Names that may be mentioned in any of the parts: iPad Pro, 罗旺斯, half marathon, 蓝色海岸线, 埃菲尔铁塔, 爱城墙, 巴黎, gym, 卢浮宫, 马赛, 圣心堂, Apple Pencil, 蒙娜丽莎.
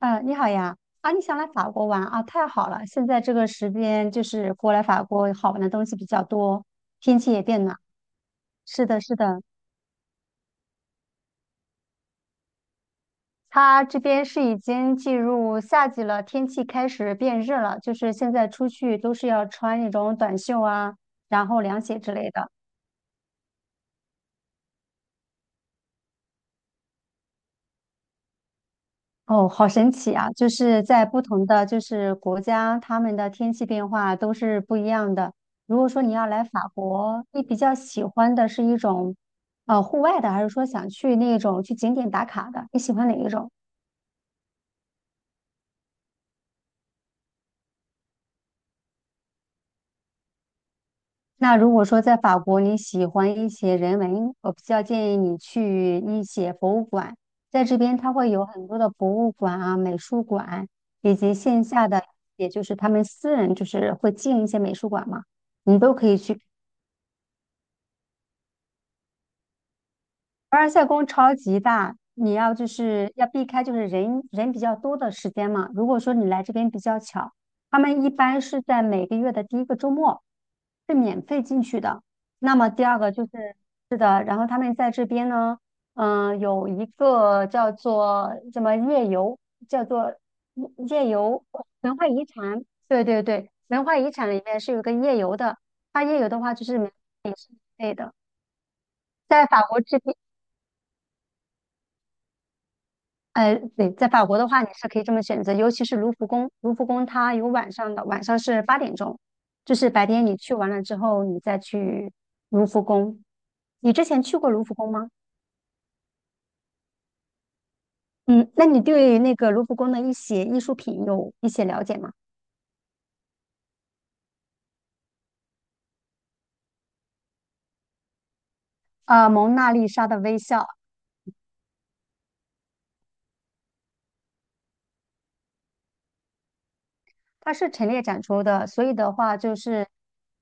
嗯，你好呀！啊，你想来法国玩啊？太好了，现在这个时间就是过来法国好玩的东西比较多，天气也变暖。是的，是的，它这边是已经进入夏季了，天气开始变热了，就是现在出去都是要穿那种短袖啊，然后凉鞋之类的。哦，好神奇啊！就是在不同的就是国家，他们的天气变化都是不一样的。如果说你要来法国，你比较喜欢的是一种户外的，还是说想去那种去景点打卡的？你喜欢哪一种？那如果说在法国你喜欢一些人文，我比较建议你去一些博物馆，在这边它会有很多的博物馆啊、美术馆，以及线下的，也就是他们私人就是会进一些美术馆嘛。你都可以去。凡尔赛宫超级大，你要就是要避开就是人比较多的时间嘛。如果说你来这边比较巧，他们一般是在每个月的第一个周末是免费进去的。那么第二个就是是的，然后他们在这边呢，有一个叫做什么夜游，叫做夜游文化遗产，对对对，文化遗产里面是有个夜游的，它夜游的话就是免费免费的。在法国这边对，在法国的话，你是可以这么选择，尤其是卢浮宫，卢浮宫它有晚上的，晚上是8点钟，就是白天你去完了之后，你再去卢浮宫。你之前去过卢浮宫吗？嗯，那你对那个卢浮宫的一些艺术品有一些了解吗？蒙娜丽莎的微笑，它是陈列展出的，所以的话就是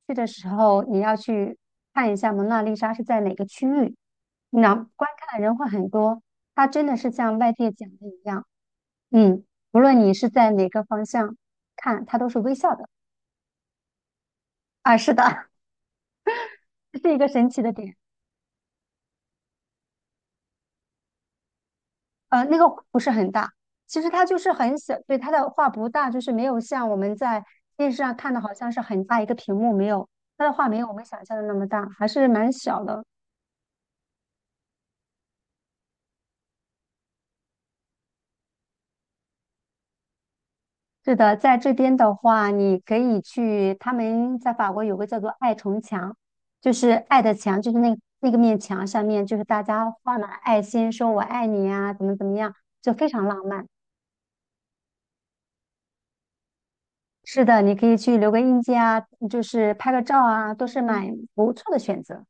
去的时候你要去看一下蒙娜丽莎是在哪个区域，那观看的人会很多。它真的是像外界讲的一样。嗯，无论你是在哪个方向看，它都是微笑的啊。是的，这是一个神奇的点。那个不是很大，其实它就是很小，对，它的画不大，就是没有像我们在电视上看的，好像是很大一个屏幕，没有，它的画没有我们想象的那么大，还是蛮小的。是的，在这边的话，你可以去，他们在法国有个叫做爱城墙，就是爱的墙，就是那个面墙上面，就是大家画满爱心，说我爱你啊，怎么怎么样，就非常浪漫。是的，你可以去留个印记啊，就是拍个照啊，都是蛮不错的选择。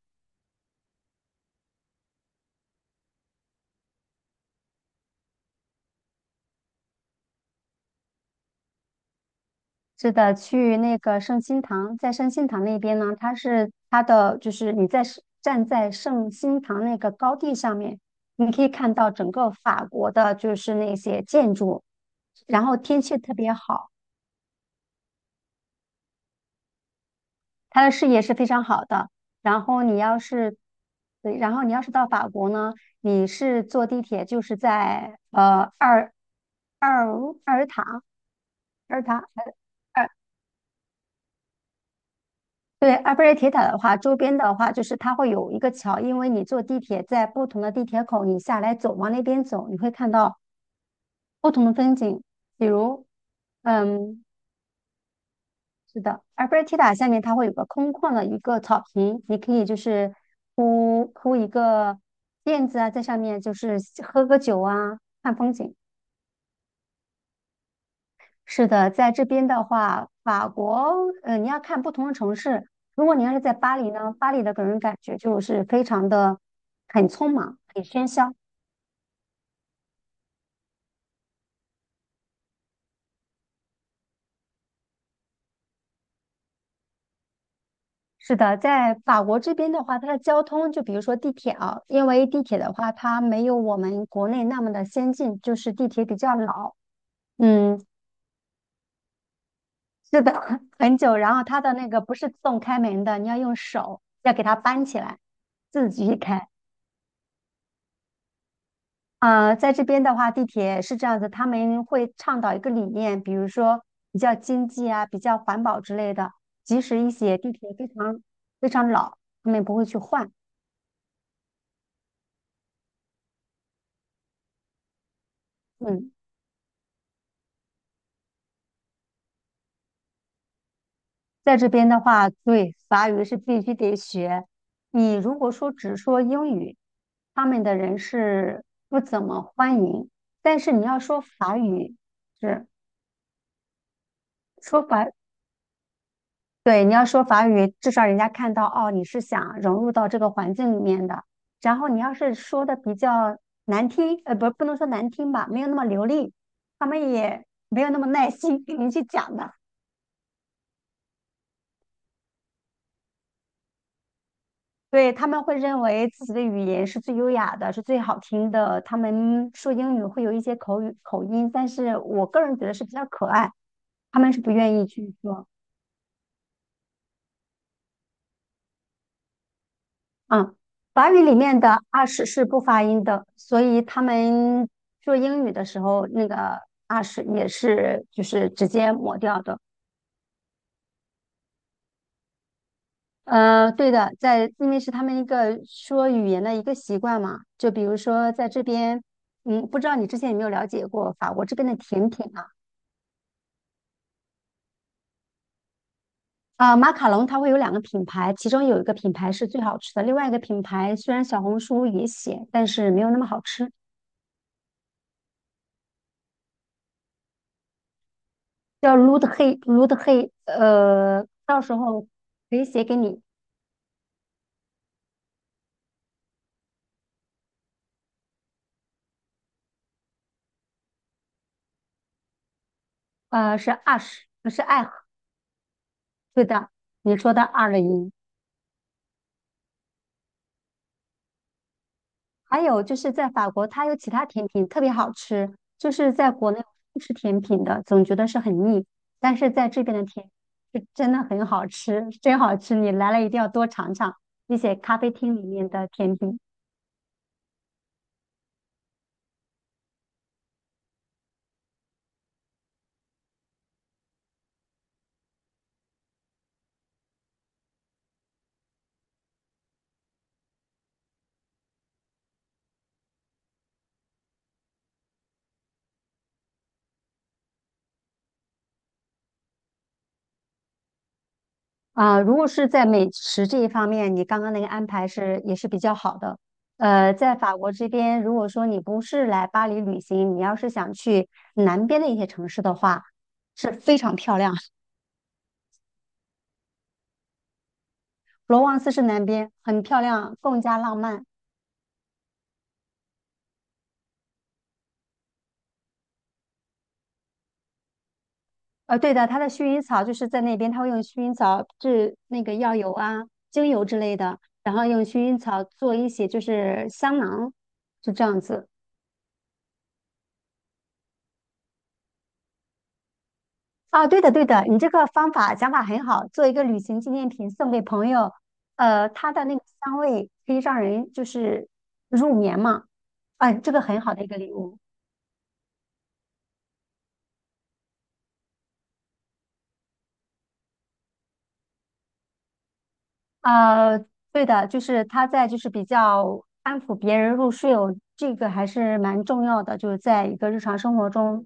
是的，去那个圣心堂，在圣心堂那边呢，它是它的就是你在是站在圣心堂那个高地上面，你可以看到整个法国的就是那些建筑，然后天气特别好，它的视野是非常好的。然后你要是，对，然后你要是到法国呢，你是坐地铁就是在呃二。二尔塔而它，而对，埃菲尔铁塔的话，周边的话就是它会有一个桥，因为你坐地铁在不同的地铁口，你下来走，往那边走，你会看到不同的风景，比如，嗯，是的，埃菲尔铁塔下面它会有个空旷的一个草坪，你可以就是铺一个垫子啊，在上面就是喝个酒啊，看风景。是的，在这边的话，法国，你要看不同的城市。如果你要是在巴黎呢，巴黎的给人感觉就是非常的很匆忙、很喧嚣。是的，在法国这边的话，它的交通，就比如说地铁啊，因为地铁的话，它没有我们国内那么的先进，就是地铁比较老，嗯，是的，很久。然后它的那个不是自动开门的，你要用手要给它搬起来，自己开。在这边的话，地铁是这样子，他们会倡导一个理念，比如说比较经济啊、比较环保之类的。即使一些地铁非常非常老，他们也不会去换。嗯，在这边的话，对，法语是必须得学。你如果说只说英语，他们的人是不怎么欢迎。但是你要说法语，是说法对，你要说法语，至少人家看到哦，你是想融入到这个环境里面的。然后你要是说的比较难听，不，不能说难听吧，没有那么流利，他们也没有那么耐心给你去讲的。对，他们会认为自己的语言是最优雅的，是最好听的。他们说英语会有一些口语口音，但是我个人觉得是比较可爱，他们是不愿意去说。嗯，法语里面的 a s 是不发音的，所以他们说英语的时候，那个 a s 也是就是直接抹掉的。对的，因为是他们一个说语言的一个习惯嘛，就比如说在这边，嗯，不知道你之前有没有了解过法国这边的甜品啊？啊，马卡龙它会有两个品牌，其中有一个品牌是最好吃的，另外一个品牌虽然小红书也写，但是没有那么好吃。叫 Root He Root He，到时候可以写给你。是 ash，不是 a， 对的，你说的 r 的音。还有就是在法国，它有其他甜品特别好吃，就是在国内不吃甜品的，总觉得是很腻，但是在这边的甜是真的很好吃，真好吃，你来了一定要多尝尝那些咖啡厅里面的甜品。啊，如果是在美食这一方面，你刚刚那个安排是也是比较好的。在法国这边，如果说你不是来巴黎旅行，你要是想去南边的一些城市的话，是非常漂亮。罗旺斯是南边，很漂亮，更加浪漫。对的，它的薰衣草就是在那边，它会用薰衣草制那个药油啊、精油之类的，然后用薰衣草做一些就是香囊，就这样子。啊，对的，对的，你这个方法想法很好，做一个旅行纪念品送给朋友，它的那个香味可以让人就是入眠嘛，哎，这个很好的一个礼物。呃，对的，就是它在就是比较安抚别人入睡哦，这个还是蛮重要的，就是在一个日常生活中，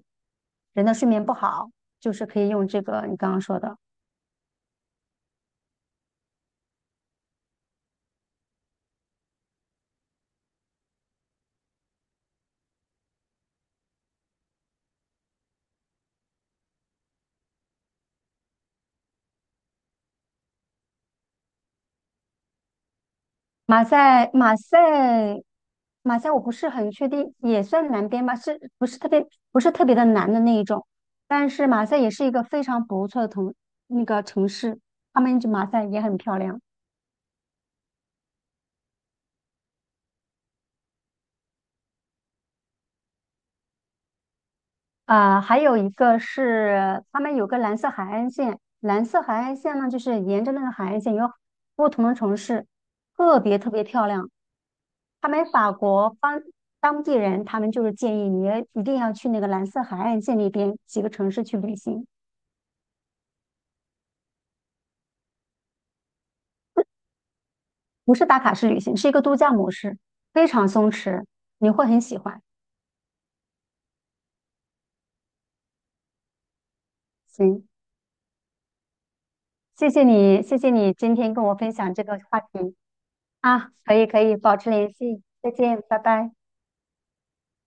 人的睡眠不好，就是可以用这个你刚刚说的。马赛，马赛，马赛，我不是很确定，也算南边吧，是不是特别不是特别的南的那一种？但是马赛也是一个非常不错的城，那个城市，他们就马赛也很漂亮。啊、还有一个是他们有个蓝色海岸线，蓝色海岸线呢，就是沿着那个海岸线有不同的城市，特别特别漂亮。他们法国方当地人，他们就是建议你一定要去那个蓝色海岸线那边几个城市去旅行。不是打卡式旅行，是一个度假模式，非常松弛，你会很喜欢。行，谢谢你，谢谢你今天跟我分享这个话题。啊，可以可以，保持联系，再见，拜拜。